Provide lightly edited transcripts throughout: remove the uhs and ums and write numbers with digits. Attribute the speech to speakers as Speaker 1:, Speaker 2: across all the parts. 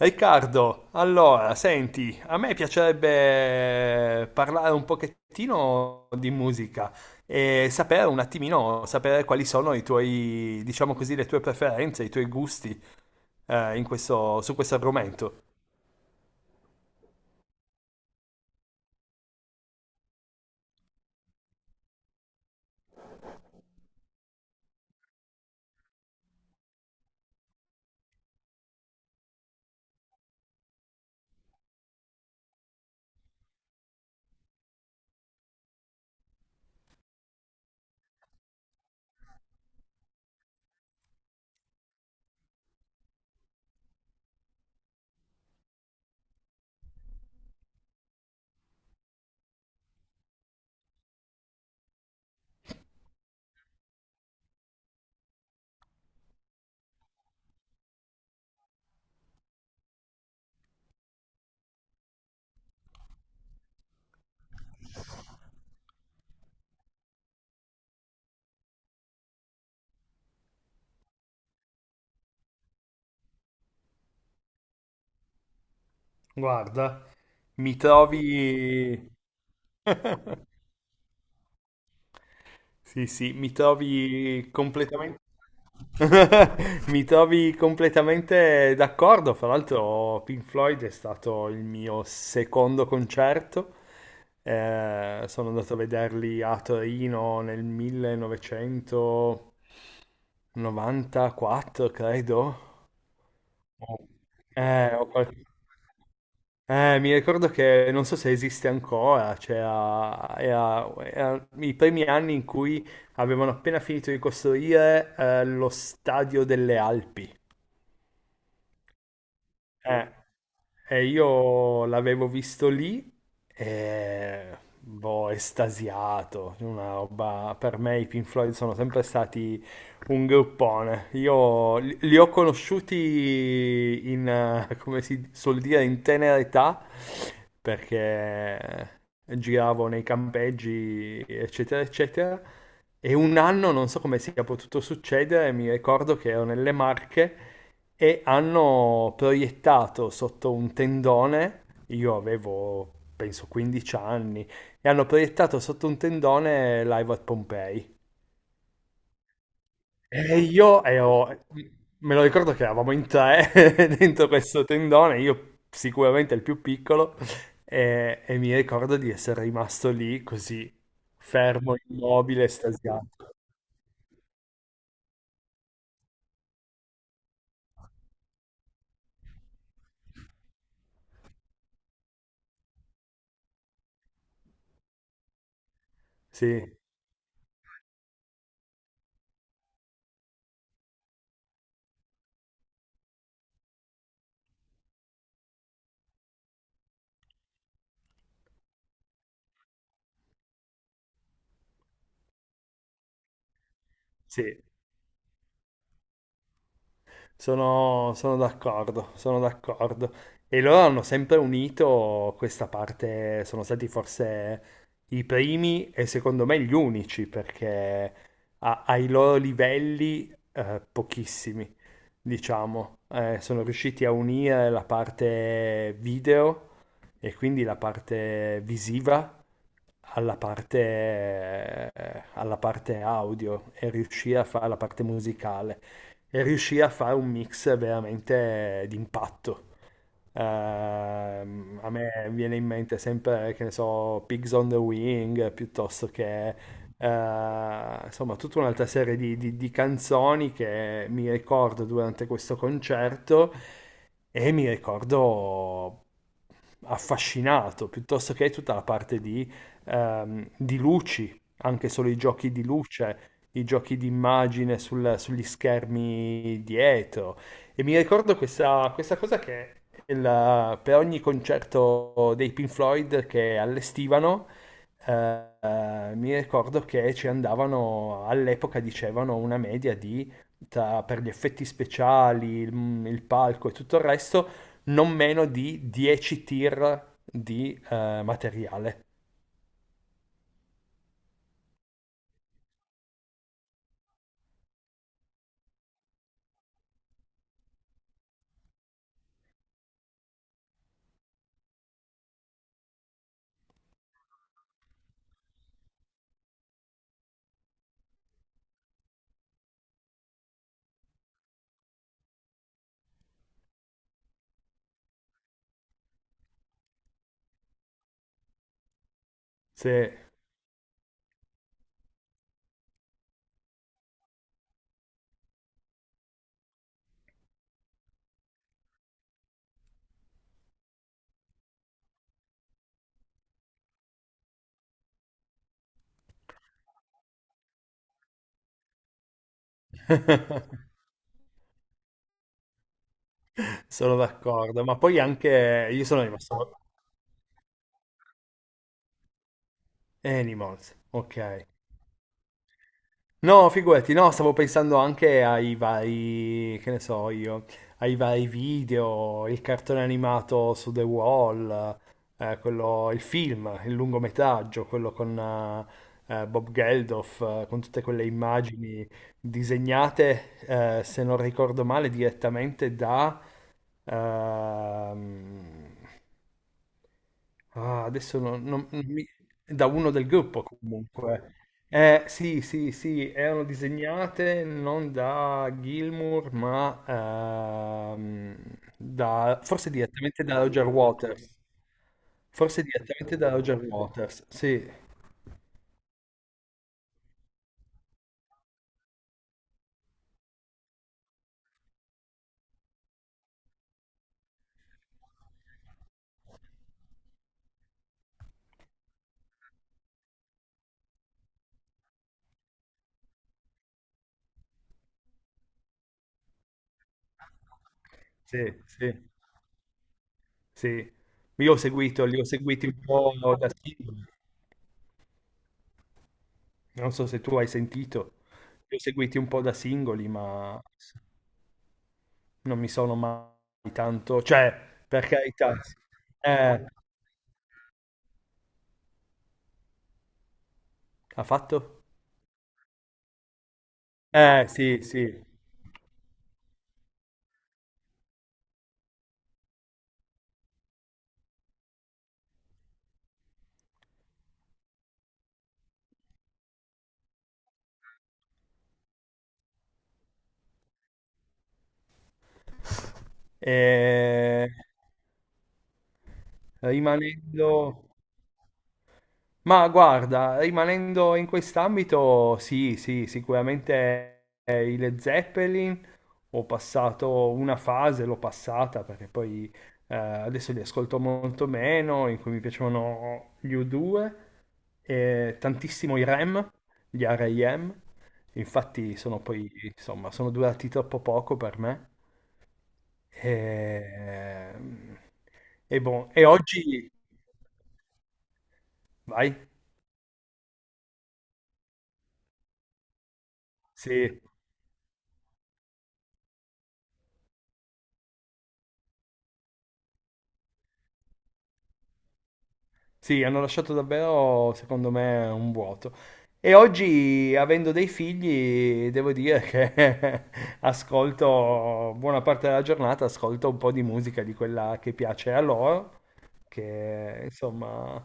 Speaker 1: Riccardo, allora, senti, a me piacerebbe parlare un pochettino di musica e sapere un attimino, sapere quali sono i tuoi, diciamo così, le tue preferenze, i tuoi gusti in questo, su questo argomento. Guarda, mi trovi... Sì, sì, Mi trovi completamente d'accordo. Fra l'altro, Pink Floyd è stato il mio secondo concerto. Sono andato a vederli a Torino nel 1994, credo. Eh, ho qual- Mi ricordo che non so se esiste ancora, cioè era i primi anni in cui avevano appena finito di costruire lo stadio delle Alpi. Eh, io l'avevo visto lì e boh, estasiato, una roba, per me i Pink Floyd sono sempre stati un gruppone. Io li ho conosciuti in, come si suol dire, in tenera età, perché giravo nei campeggi, eccetera, eccetera. E un anno, non so come sia potuto succedere, mi ricordo che ero nelle Marche e hanno proiettato sotto un tendone, io avevo penso 15 anni, e hanno proiettato sotto un tendone Live at Pompei. E io ero, Me lo ricordo che eravamo in tre dentro questo tendone, io sicuramente il più piccolo, e mi ricordo di essere rimasto lì così, fermo, immobile, estasiato. Sì, sì. Sono d'accordo, sono d'accordo. E loro hanno sempre unito questa parte, sono stati forse i primi e secondo me gli unici, perché ai loro livelli pochissimi, diciamo, sono riusciti a unire la parte video e quindi la parte visiva alla parte audio e riuscì a fare la parte musicale e riuscì a fare un mix veramente d'impatto. A me viene in mente sempre, che ne so, Pigs on the Wing piuttosto che insomma tutta un'altra serie di canzoni che mi ricordo durante questo concerto e mi ricordo affascinato, piuttosto che tutta la parte di luci, anche solo i giochi di luce, i giochi di immagine sugli schermi dietro. E mi ricordo questa, questa cosa che per ogni concerto dei Pink Floyd che allestivano, mi ricordo che ci andavano, all'epoca dicevano una media di, per gli effetti speciali, il palco e tutto il resto, non meno di 10 tir di materiale. Sì, sono d'accordo, ma poi anche io sono rimasto. Animals, ok. No, figurati, no, stavo pensando anche ai vari, che ne so io, ai vari video, il cartone animato su The Wall, quello, il film, il lungometraggio, quello con Bob Geldof, con tutte quelle immagini disegnate, se non ricordo male, direttamente da, ehm, Ah, adesso non, non- non mi- da uno del gruppo comunque. Sì, sì, sì, erano disegnate non da Gilmour, ma ehm, forse direttamente da Roger Waters. Forse direttamente da Roger Waters. Sì, sì, sì, sì. Io ho seguito, li ho seguiti un po' da singoli. Non so se tu hai sentito. Li ho seguiti un po' da singoli, ma non mi sono mai tanto, cioè, per carità, sì. eh, Ha fatto? Sì, sì. Eh, rimanendo, Ma guarda, rimanendo in quest'ambito, sì, sì, sicuramente i Led Zeppelin ho passato una fase, l'ho passata perché poi adesso li ascolto molto meno, in cui mi piacevano gli U2 e tantissimo i REM, gli R.E.M. Infatti sono poi, insomma, sono durati troppo poco per me. E, ehm, e boh, e oggi. Vai, sì. Sì, hanno lasciato davvero, secondo me, un vuoto. E oggi, avendo dei figli, devo dire che ascolto buona parte della giornata, ascolto un po' di musica di quella che piace a loro, che insomma,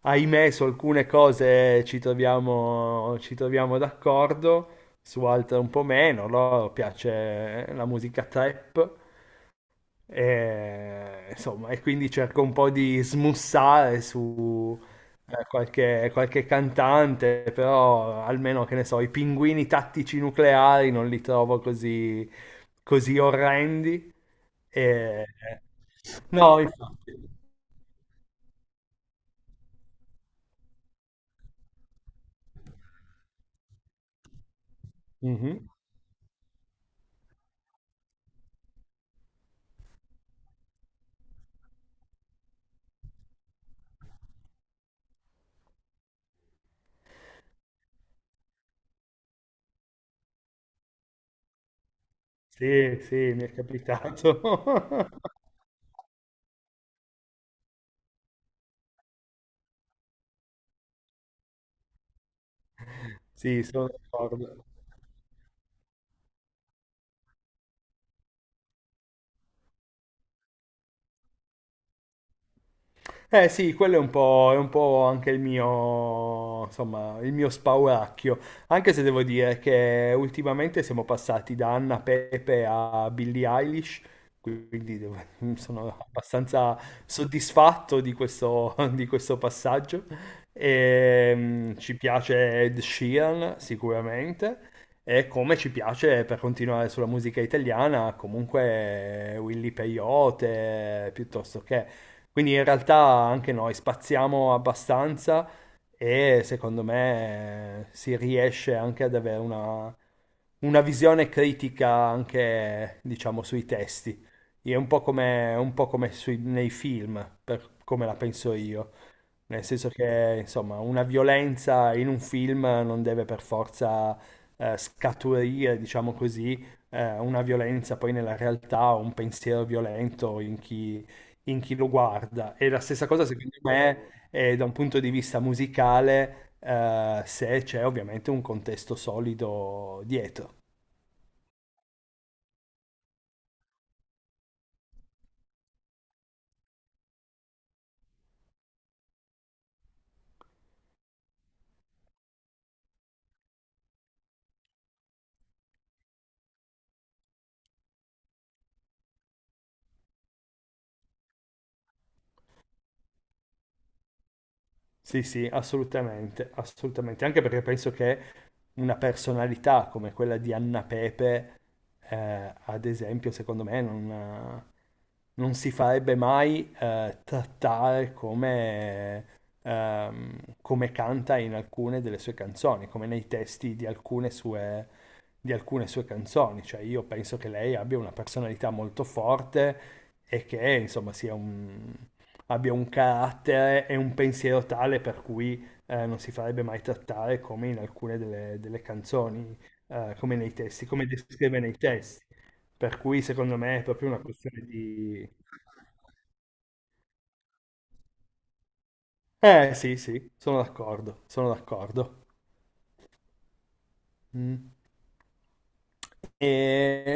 Speaker 1: ahimè, su alcune cose ci troviamo d'accordo, su altre un po' meno. A loro piace la musica trap, e, insomma, e quindi cerco un po' di smussare su qualche cantante, però almeno che ne so, i pinguini tattici nucleari non li trovo così, così orrendi. E... No, infatti. Mhm. Sì, sì, mi è capitato. Sì, sono d'accordo. Eh sì, quello è un po' anche il mio, insomma, il mio spauracchio, anche se devo dire che ultimamente siamo passati da Anna Pepe a Billie Eilish, quindi sono abbastanza soddisfatto di questo, di questo passaggio. Ci piace Ed Sheeran sicuramente, e come ci piace per continuare sulla musica italiana, comunque Willy Peyote, piuttosto che. Quindi in realtà anche noi spaziamo abbastanza e secondo me si riesce anche ad avere una visione critica anche, diciamo, sui testi. È un po' come nei film, per come la penso io. Nel senso che, insomma, una violenza in un film non deve per forza scaturire, diciamo così, una violenza poi nella realtà o un pensiero violento in chi, lo guarda. E la stessa cosa, secondo me, è da un punto di vista musicale, se c'è ovviamente un contesto solido dietro. Sì, sì, assolutamente, assolutamente. Anche perché penso che una personalità come quella di Anna Pepe, ad esempio, secondo me non si farebbe mai trattare come canta in alcune delle sue canzoni, come nei testi di alcune sue canzoni. Cioè, io penso che lei abbia una personalità molto forte e che, insomma, abbia un carattere e un pensiero tale per cui non si farebbe mai trattare come in alcune delle canzoni, come nei testi, come descrive nei testi. Per cui secondo me è proprio una questione di. Eh sì, sì, sono d'accordo, sono d'accordo. Mm. E